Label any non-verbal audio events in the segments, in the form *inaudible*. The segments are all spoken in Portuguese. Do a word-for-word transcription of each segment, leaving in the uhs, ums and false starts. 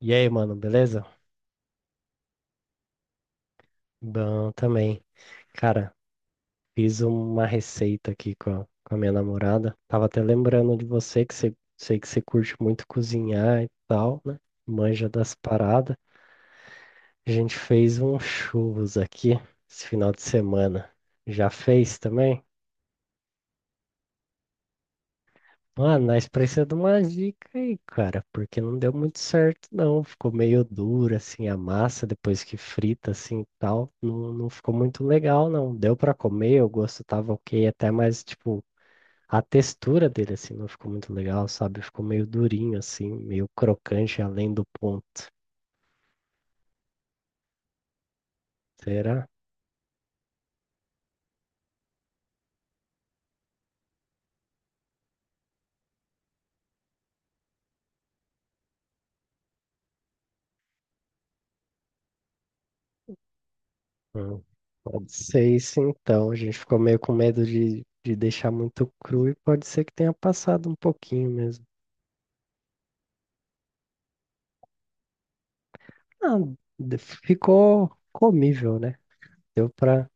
E aí, mano, beleza? Bom também. Cara, fiz uma receita aqui com a, com a minha namorada. Tava até lembrando de você, que você, sei que você curte muito cozinhar e tal, né? Manja das paradas. A gente fez um churros aqui esse final de semana. Já fez também? Mano, nós precisamos de uma dica aí, cara, porque não deu muito certo, não. Ficou meio dura, assim, a massa depois que frita, assim, e tal. Não, não ficou muito legal, não. Deu pra comer, o gosto tava ok, até, mas, tipo, a textura dele, assim, não ficou muito legal, sabe? Ficou meio durinho, assim, meio crocante além do ponto. Será? Hum. Pode ser isso, então. A gente ficou meio com medo de, de deixar muito cru e pode ser que tenha passado um pouquinho mesmo. Ah, de- ficou comível, né? Deu pra,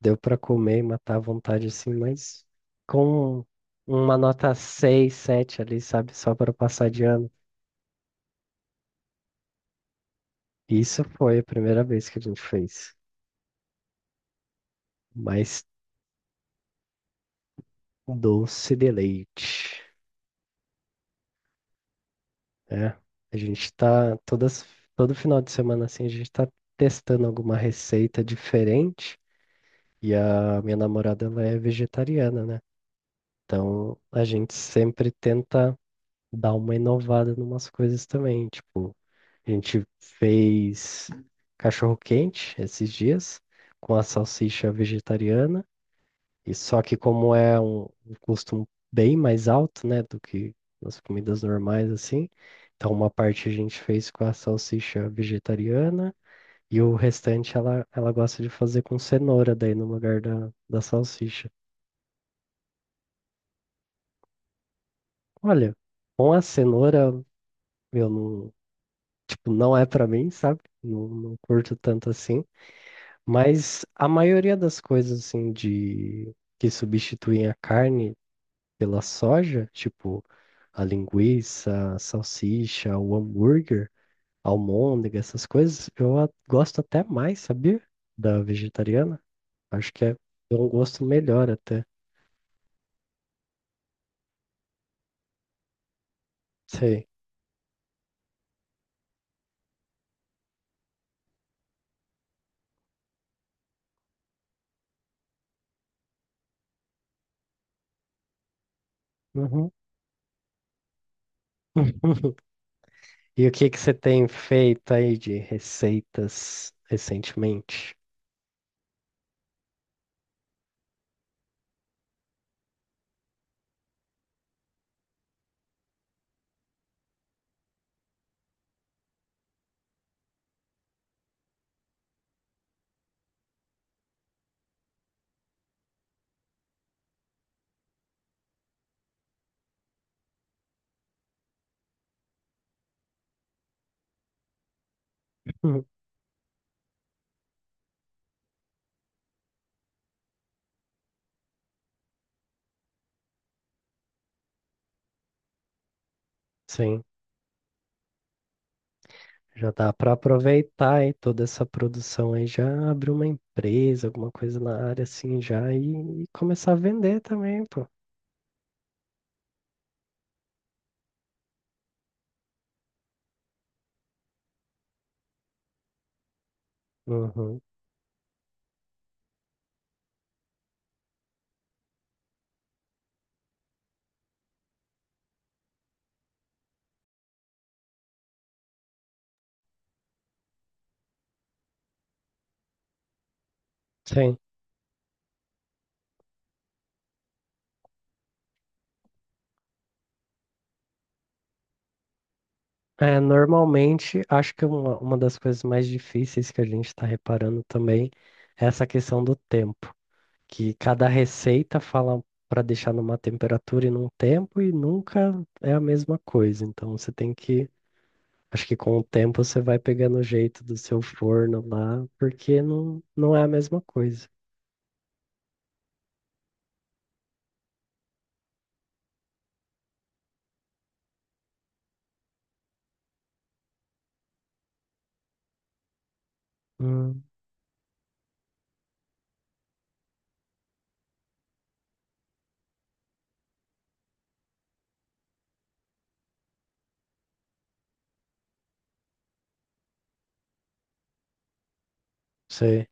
deu pra comer e matar à vontade assim, mas com uma nota seis sete ali, sabe? Só para passar de ano. Isso foi a primeira vez que a gente fez. Mas doce de leite, né? A gente tá todas, todo final de semana assim, a gente tá testando alguma receita diferente. E a minha namorada, ela é vegetariana, né? Então a gente sempre tenta dar uma inovada em umas coisas também. Tipo, a gente fez cachorro-quente esses dias com a salsicha vegetariana. E só que como é um, um custo bem mais alto, né, do que nas comidas normais, assim, então uma parte a gente fez com a salsicha vegetariana e o restante ela, ela gosta de fazer com cenoura daí no lugar da, da salsicha. Olha, com a cenoura eu não, tipo, não é pra mim, sabe? Não, não curto tanto assim. Mas a maioria das coisas assim de que substituem a carne pela soja, tipo a linguiça, a salsicha, o hambúrguer, a almôndega, essas coisas, eu a- gosto até mais, sabia? Da vegetariana. Acho que é é um gosto melhor até. Sei. Uhum. *laughs* E o que que você tem feito aí de receitas recentemente? *laughs* Sim. Já dá para aproveitar aí toda essa produção aí, já abrir uma empresa, alguma coisa na área assim já e, e começar a vender também, pô. Uhum. Sim. É, normalmente, acho que uma, uma das coisas mais difíceis que a gente está reparando também é essa questão do tempo, que cada receita fala para deixar numa temperatura e num tempo e nunca é a mesma coisa. Então, você tem que acho que com o tempo você vai pegando o jeito do seu forno lá, porque não, não é a mesma coisa. Hum, sei.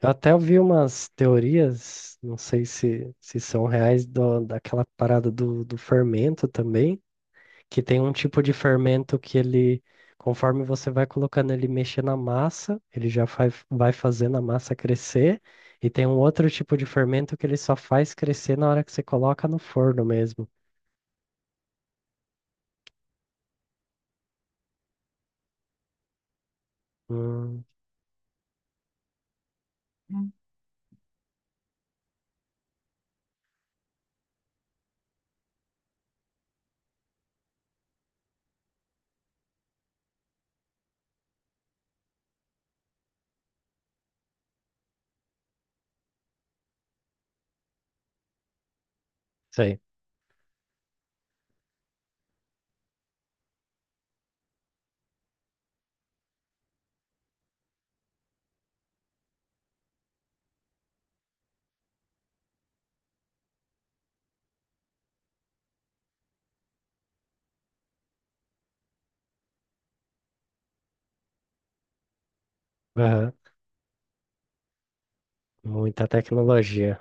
Eu até ouvi umas teorias, não sei se, se são reais, do, daquela parada do, do fermento também, que tem um tipo de fermento que ele, conforme você vai colocando ele mexer na massa, ele já faz, vai fazendo a massa crescer, e tem um outro tipo de fermento que ele só faz crescer na hora que você coloca no forno mesmo. Hum, sei. Muita tecnologia.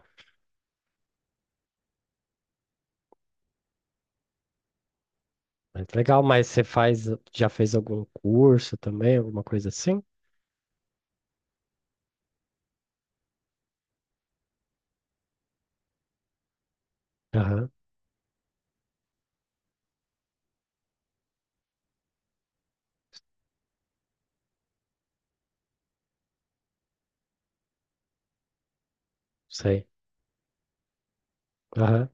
Mas legal, mas você faz, já fez algum curso também, alguma coisa assim? Aham, sei. Aham,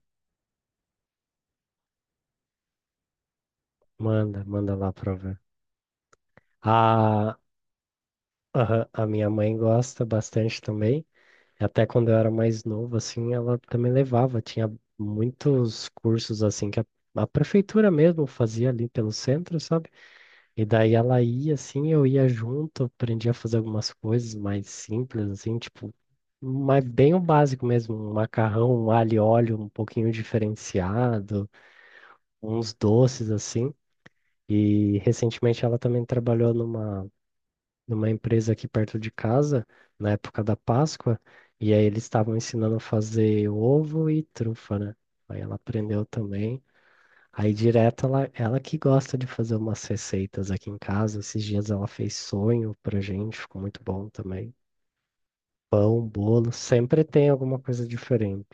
manda, manda lá pra eu ver. A, aham, a minha mãe gosta bastante também. Até quando eu era mais novo, assim, ela também levava. Tinha muitos cursos, assim, que a, a prefeitura mesmo fazia ali pelo centro, sabe? E daí ela ia assim, eu ia junto, aprendi a fazer algumas coisas mais simples, assim, tipo, mas bem o básico mesmo, um macarrão, um alho e óleo um pouquinho diferenciado, uns doces assim. E recentemente ela também trabalhou numa, numa empresa aqui perto de casa, na época da Páscoa, e aí eles estavam ensinando a fazer ovo e trufa, né? Aí ela aprendeu também. Aí direto ela, ela que gosta de fazer umas receitas aqui em casa. Esses dias ela fez sonho pra gente, ficou muito bom também. Pão, bolo, sempre tem alguma coisa diferente.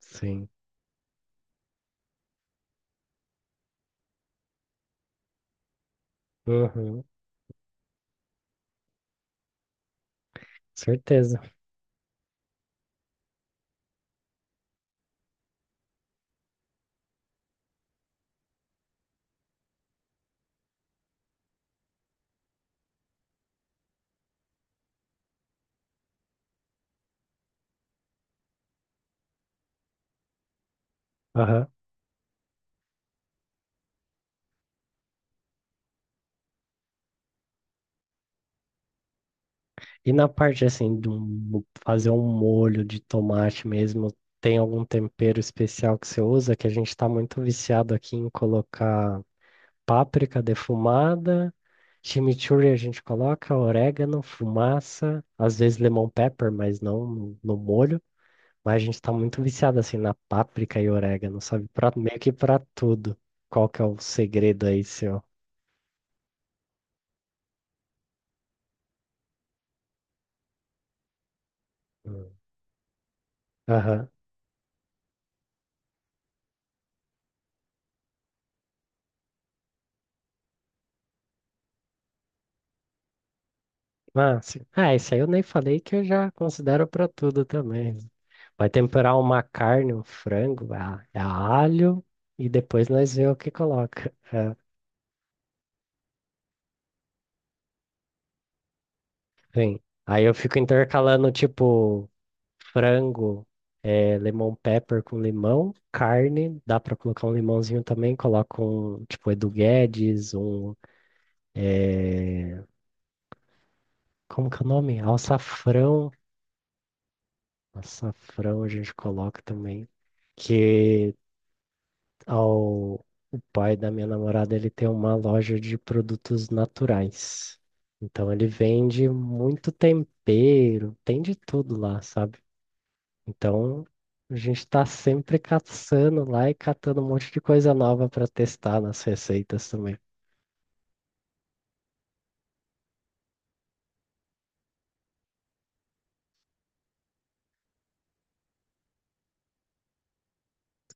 Sim. Uhum, certeza. Aham. E na parte assim de um- fazer um molho de tomate mesmo, tem algum tempero especial que você usa? Que a gente tá muito viciado aqui em colocar páprica defumada, chimichurri a gente coloca, orégano, fumaça, às vezes lemon pepper, mas não no, no molho. Mas a gente tá muito viciado assim na páprica e orégano, sabe? Pra, meio que pra tudo. Qual que é o segredo aí, seu? Hum. Aham. Ah, sim. Ah, isso aí eu nem falei que eu já considero pra tudo também. Vai temperar uma carne, um frango, a, a alho, e depois nós vemos o que coloca. Sim. Aí eu fico intercalando, tipo, frango, é, lemon pepper com limão, carne, dá pra colocar um limãozinho também, coloca um, tipo, Edu Guedes, um, é, como que é o nome? Alçafrão, açafrão a gente coloca também, que ao, o pai da minha namorada, ele tem uma loja de produtos naturais, então ele vende muito tempero, tem de tudo lá, sabe? Então, a gente está sempre caçando lá e catando um monte de coisa nova para testar nas receitas também.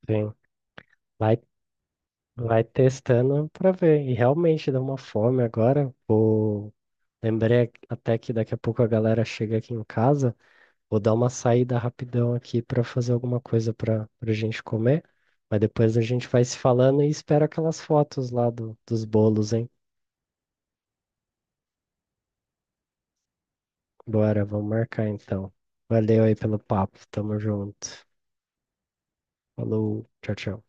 Sim. Vai, vai testando para ver. E realmente dá uma fome agora. Vou... Lembrei até que daqui a pouco a galera chega aqui em casa. Vou dar uma saída rapidão aqui para fazer alguma coisa para a gente comer. Mas depois a gente vai se falando e espero aquelas fotos lá do, dos bolos, hein? Bora, vamos marcar então. Valeu aí pelo papo. Tamo junto. Falou, tchau, tchau.